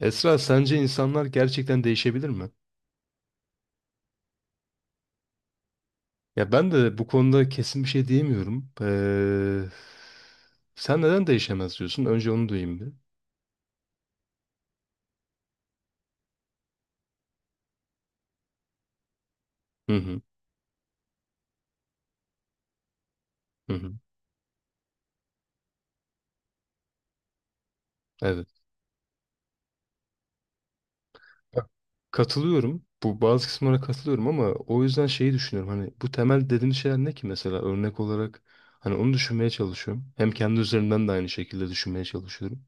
Esra, sence insanlar gerçekten değişebilir mi? Ya ben de bu konuda kesin bir şey diyemiyorum. Sen neden değişemez diyorsun? Önce onu duyayım bir. Hı hı, hı hı. Evet. Ya, Katılıyorum. Bu bazı kısımlara katılıyorum ama o yüzden şeyi düşünüyorum. Hani bu temel dediğimiz şeyler ne ki mesela örnek olarak hani onu düşünmeye çalışıyorum. Hem kendi üzerimden de aynı şekilde düşünmeye çalışıyorum.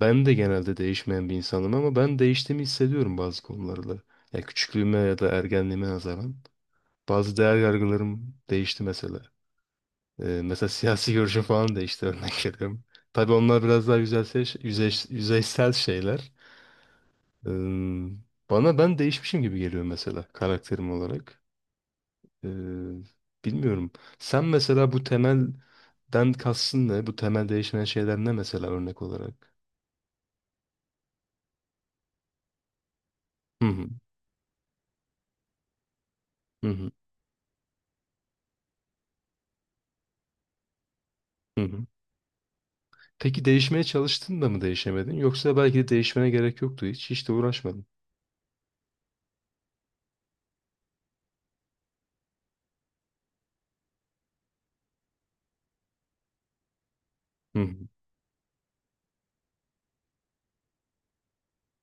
Ben de genelde değişmeyen bir insanım ama ben değiştiğimi hissediyorum bazı konularda. Ya küçüklüğüme ya da ergenliğime nazaran. Bazı değer yargılarım değişti mesela. Mesela siyasi görüşüm falan değişti örnek veriyorum. Tabii onlar biraz daha yüzeysel, yüzeysel şeyler. Ee, Bana ben değişmişim gibi geliyor mesela karakterim olarak. Ee, Bilmiyorum. Sen mesela bu temelden kastın ne? Bu temel değişmeyen şeyler ne mesela örnek olarak? Hı hı, hı hı, hı hı. Peki değişmeye çalıştın da mı değişemedin? Yoksa belki de değişmene gerek yoktu hiç. Hiç de uğraşmadın. Hı hı.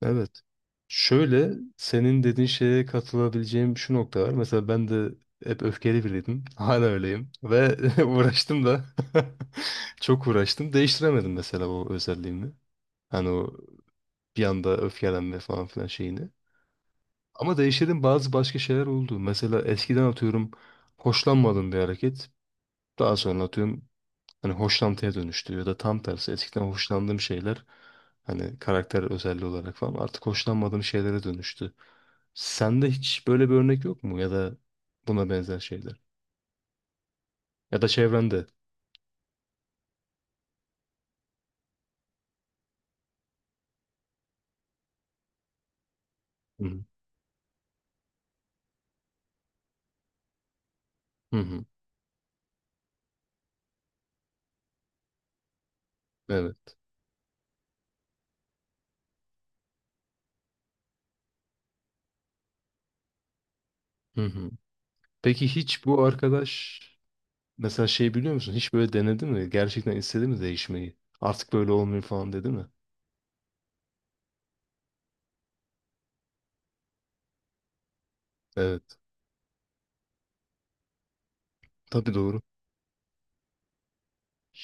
Evet. Şöyle senin dediğin şeye katılabileceğim şu nokta var. Mesela ben de hep öfkeli biriydim. Hala öyleyim. Ve uğraştım da çok uğraştım. Değiştiremedim mesela o özelliğimi. Hani o bir anda öfkelenme falan filan şeyini. Ama değiştirdiğim bazı başka şeyler oldu. Mesela eskiden atıyorum hoşlanmadığım bir hareket. Daha sonra atıyorum hani hoşlantıya dönüştü ya da tam tersi eskiden hoşlandığım şeyler hani karakter özelliği olarak falan artık hoşlanmadığım şeylere dönüştü. Sende hiç böyle bir örnek yok mu ya da buna benzer şeyler ya da çevrende? Hı hı. Hı hı. Evet. Hı hı. Peki hiç bu arkadaş mesela şey biliyor musun? Hiç böyle denedi mi? Gerçekten istedi mi değişmeyi? Artık böyle olmuyor falan dedi mi? Evet. Tabii doğru.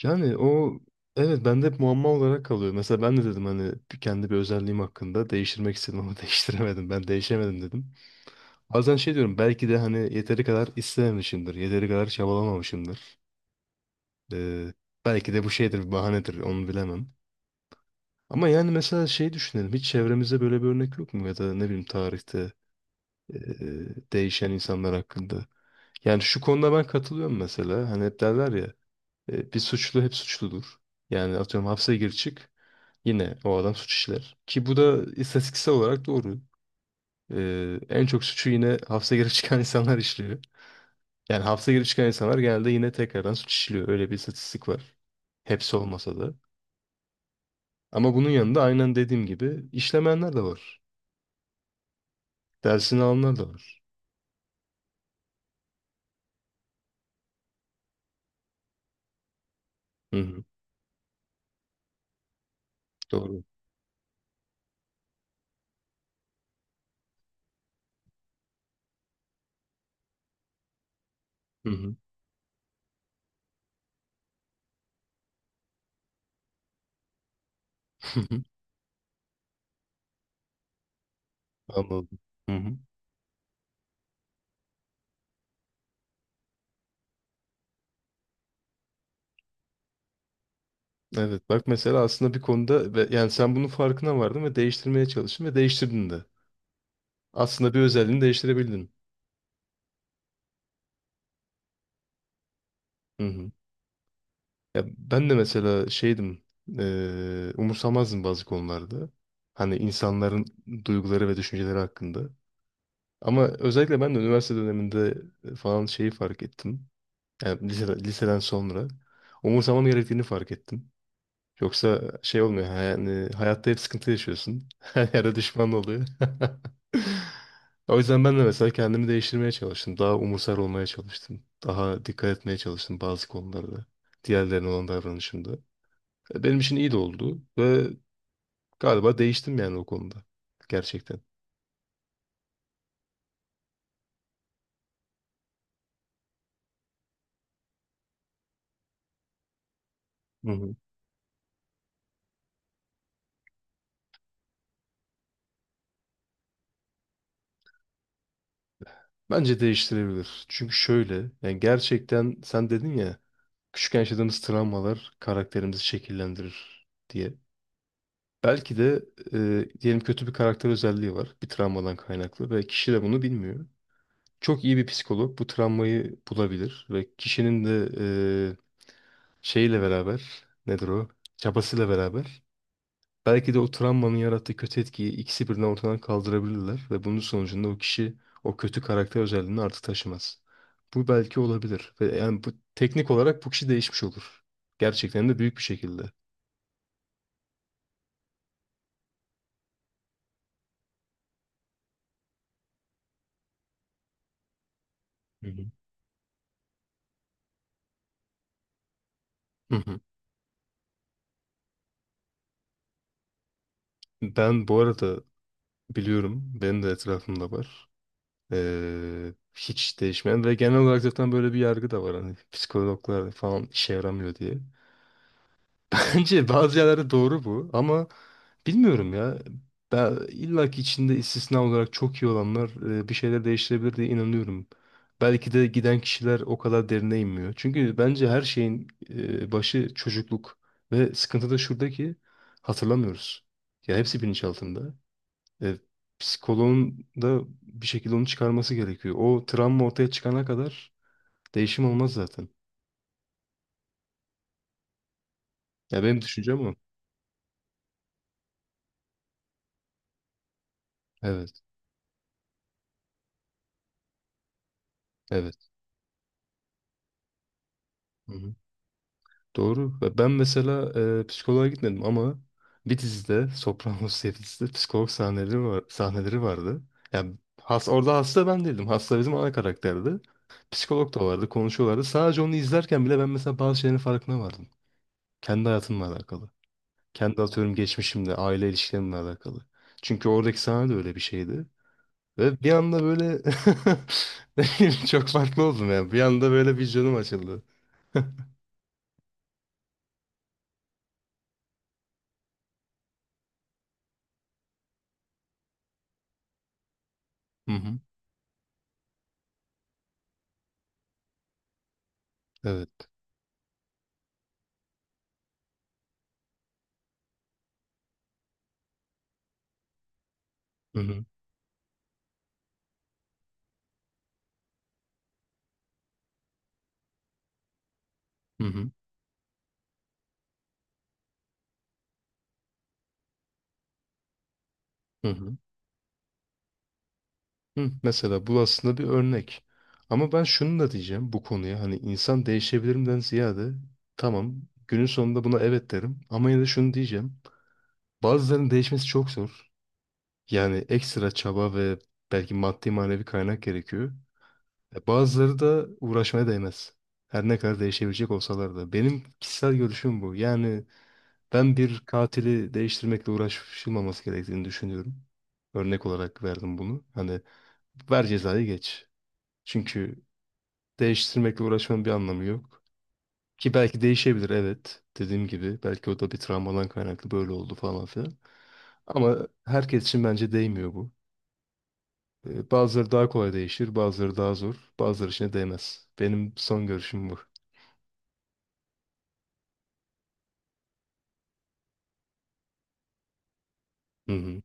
Yani o evet bende hep muamma olarak kalıyor. Mesela ben de dedim hani kendi bir özelliğim hakkında değiştirmek istedim ama değiştiremedim. Ben değişemedim dedim. Bazen şey diyorum belki de hani yeteri kadar istememişimdir. Yeteri kadar çabalamamışımdır. Ee, Belki de bu şeydir bir bahanedir onu bilemem. Ama yani mesela şey düşünelim hiç çevremizde böyle bir örnek yok mu? Ya da ne bileyim tarihte e, değişen insanlar hakkında. Yani şu konuda ben katılıyorum mesela. Hani hep derler ya bir suçlu hep suçludur. Yani atıyorum hapse gir çık yine o adam suç işler. Ki bu da istatistiksel olarak doğru. E, en çok suçu yine hapse girip çıkan insanlar işliyor. Yani hapse girip çıkan insanlar genelde yine tekrardan suç işliyor. Öyle bir istatistik var. Hepsi olmasa da. Ama bunun yanında aynen dediğim gibi işlemeyenler de var. Dersini alanlar da var. Hı hı, doğru. Hı hı. Anladım. Hı hı. Evet bak mesela aslında bir konuda yani sen bunun farkına vardın ve değiştirmeye çalıştın ve değiştirdin de. Aslında bir özelliğini değiştirebildin. Hı hı. Ya ben de mesela şeydim, umursamazdım bazı konularda. Hani insanların duyguları ve düşünceleri hakkında. Ama özellikle ben de üniversite döneminde falan şeyi fark ettim. Yani liseden, liseden sonra umursamam gerektiğini fark ettim. Yoksa şey olmuyor. Yani hayatta hep sıkıntı yaşıyorsun. Her yerde düşman oluyor. O yüzden ben de mesela kendimi değiştirmeye çalıştım. Daha umursar olmaya çalıştım. Daha dikkat etmeye çalıştım bazı konularda. Diğerlerine olan davranışımda. E, benim için iyi de oldu. Ve galiba değiştim yani o konuda. Gerçekten. Hı hı. Bence değiştirebilir. Çünkü şöyle. Yani gerçekten sen dedin ya. Küçükken yaşadığımız travmalar karakterimizi şekillendirir diye. Belki de diyelim kötü bir karakter özelliği var. Bir travmadan kaynaklı ve kişi de bunu bilmiyor. Çok iyi bir psikolog bu travmayı bulabilir ve kişinin de e, şeyiyle beraber nedir o? Çabasıyla beraber belki de o travmanın yarattığı kötü etkiyi ikisi birden ortadan kaldırabilirler ve bunun sonucunda o kişi o kötü karakter özelliğini artık taşımaz. Bu belki olabilir ve yani bu teknik olarak bu kişi değişmiş olur. Gerçekten de büyük bir şekilde. Hı hı. Hı hı. Ben bu arada biliyorum. Benim de etrafımda var. Hiç değişmeyen ve genel olarak zaten böyle bir yargı da var. Hani psikologlar falan işe yaramıyor diye. Bence bazı yerlerde doğru bu ama bilmiyorum ya. Ben illa ki içinde istisna olarak çok iyi olanlar bir şeyler değiştirebilir diye inanıyorum. Belki de giden kişiler o kadar derine inmiyor. Çünkü bence her şeyin başı çocukluk ve sıkıntı da şurada ki hatırlamıyoruz. Ya hepsi bilinçaltında. E, Psikoloğun da bir şekilde onu çıkarması gerekiyor. O travma ortaya çıkana kadar değişim olmaz zaten. Ya benim düşüncem o. Evet, evet. Hı-hı. Doğru. Ve ben mesela psikoloğa gitmedim ama bir dizide, Sopranos diye bir dizide psikolog sahneleri var, sahneleri vardı. Yani orada hasta ben değildim. Hasta bizim ana karakterdi. Psikolog da vardı, konuşuyorlardı. Sadece onu izlerken bile ben mesela bazı şeylerin farkına vardım. Kendi hayatımla alakalı. Kendi atıyorum geçmişimle, aile ilişkilerimle alakalı. Çünkü oradaki sahne de öyle bir şeydi. Ve bir anda böyle ne bileyim, çok farklı oldum ya. Bir anda böyle bir canım açıldı. Hı hı. Evet. Hı hı. Hı hı. Hı hı. Hı. Mesela bu aslında bir örnek. Ama ben şunu da diyeceğim bu konuya. Hani insan değişebilirimden ziyade tamam günün sonunda buna evet derim. Ama yine de şunu diyeceğim. Bazılarının değişmesi çok zor. Yani ekstra çaba ve belki maddi manevi kaynak gerekiyor. E, bazıları da uğraşmaya değmez. Her ne kadar değişebilecek olsalar da. Benim kişisel görüşüm bu. Yani ben bir katili değiştirmekle uğraşılmaması gerektiğini düşünüyorum. Örnek olarak verdim bunu. Hani ver cezayı geç. Çünkü değiştirmekle uğraşmanın bir anlamı yok. Ki belki değişebilir evet. Dediğim gibi belki o da bir travmadan kaynaklı böyle oldu falan filan. Ama herkes için bence değmiyor bu. E, bazıları daha kolay değişir, bazıları daha zor, bazıları için de değmez. Benim son görüşüm bu. Hı hı,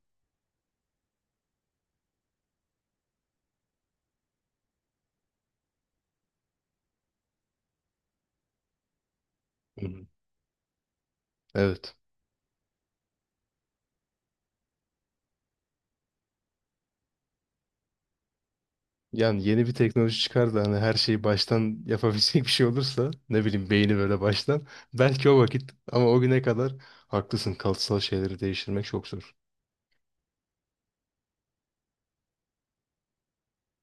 hı hı. Evet. Yani yeni bir teknoloji çıkar da hani her şeyi baştan yapabilecek bir şey olursa ne bileyim beyni böyle baştan belki o vakit ama o güne kadar haklısın kalıtsal şeyleri değiştirmek çok zor.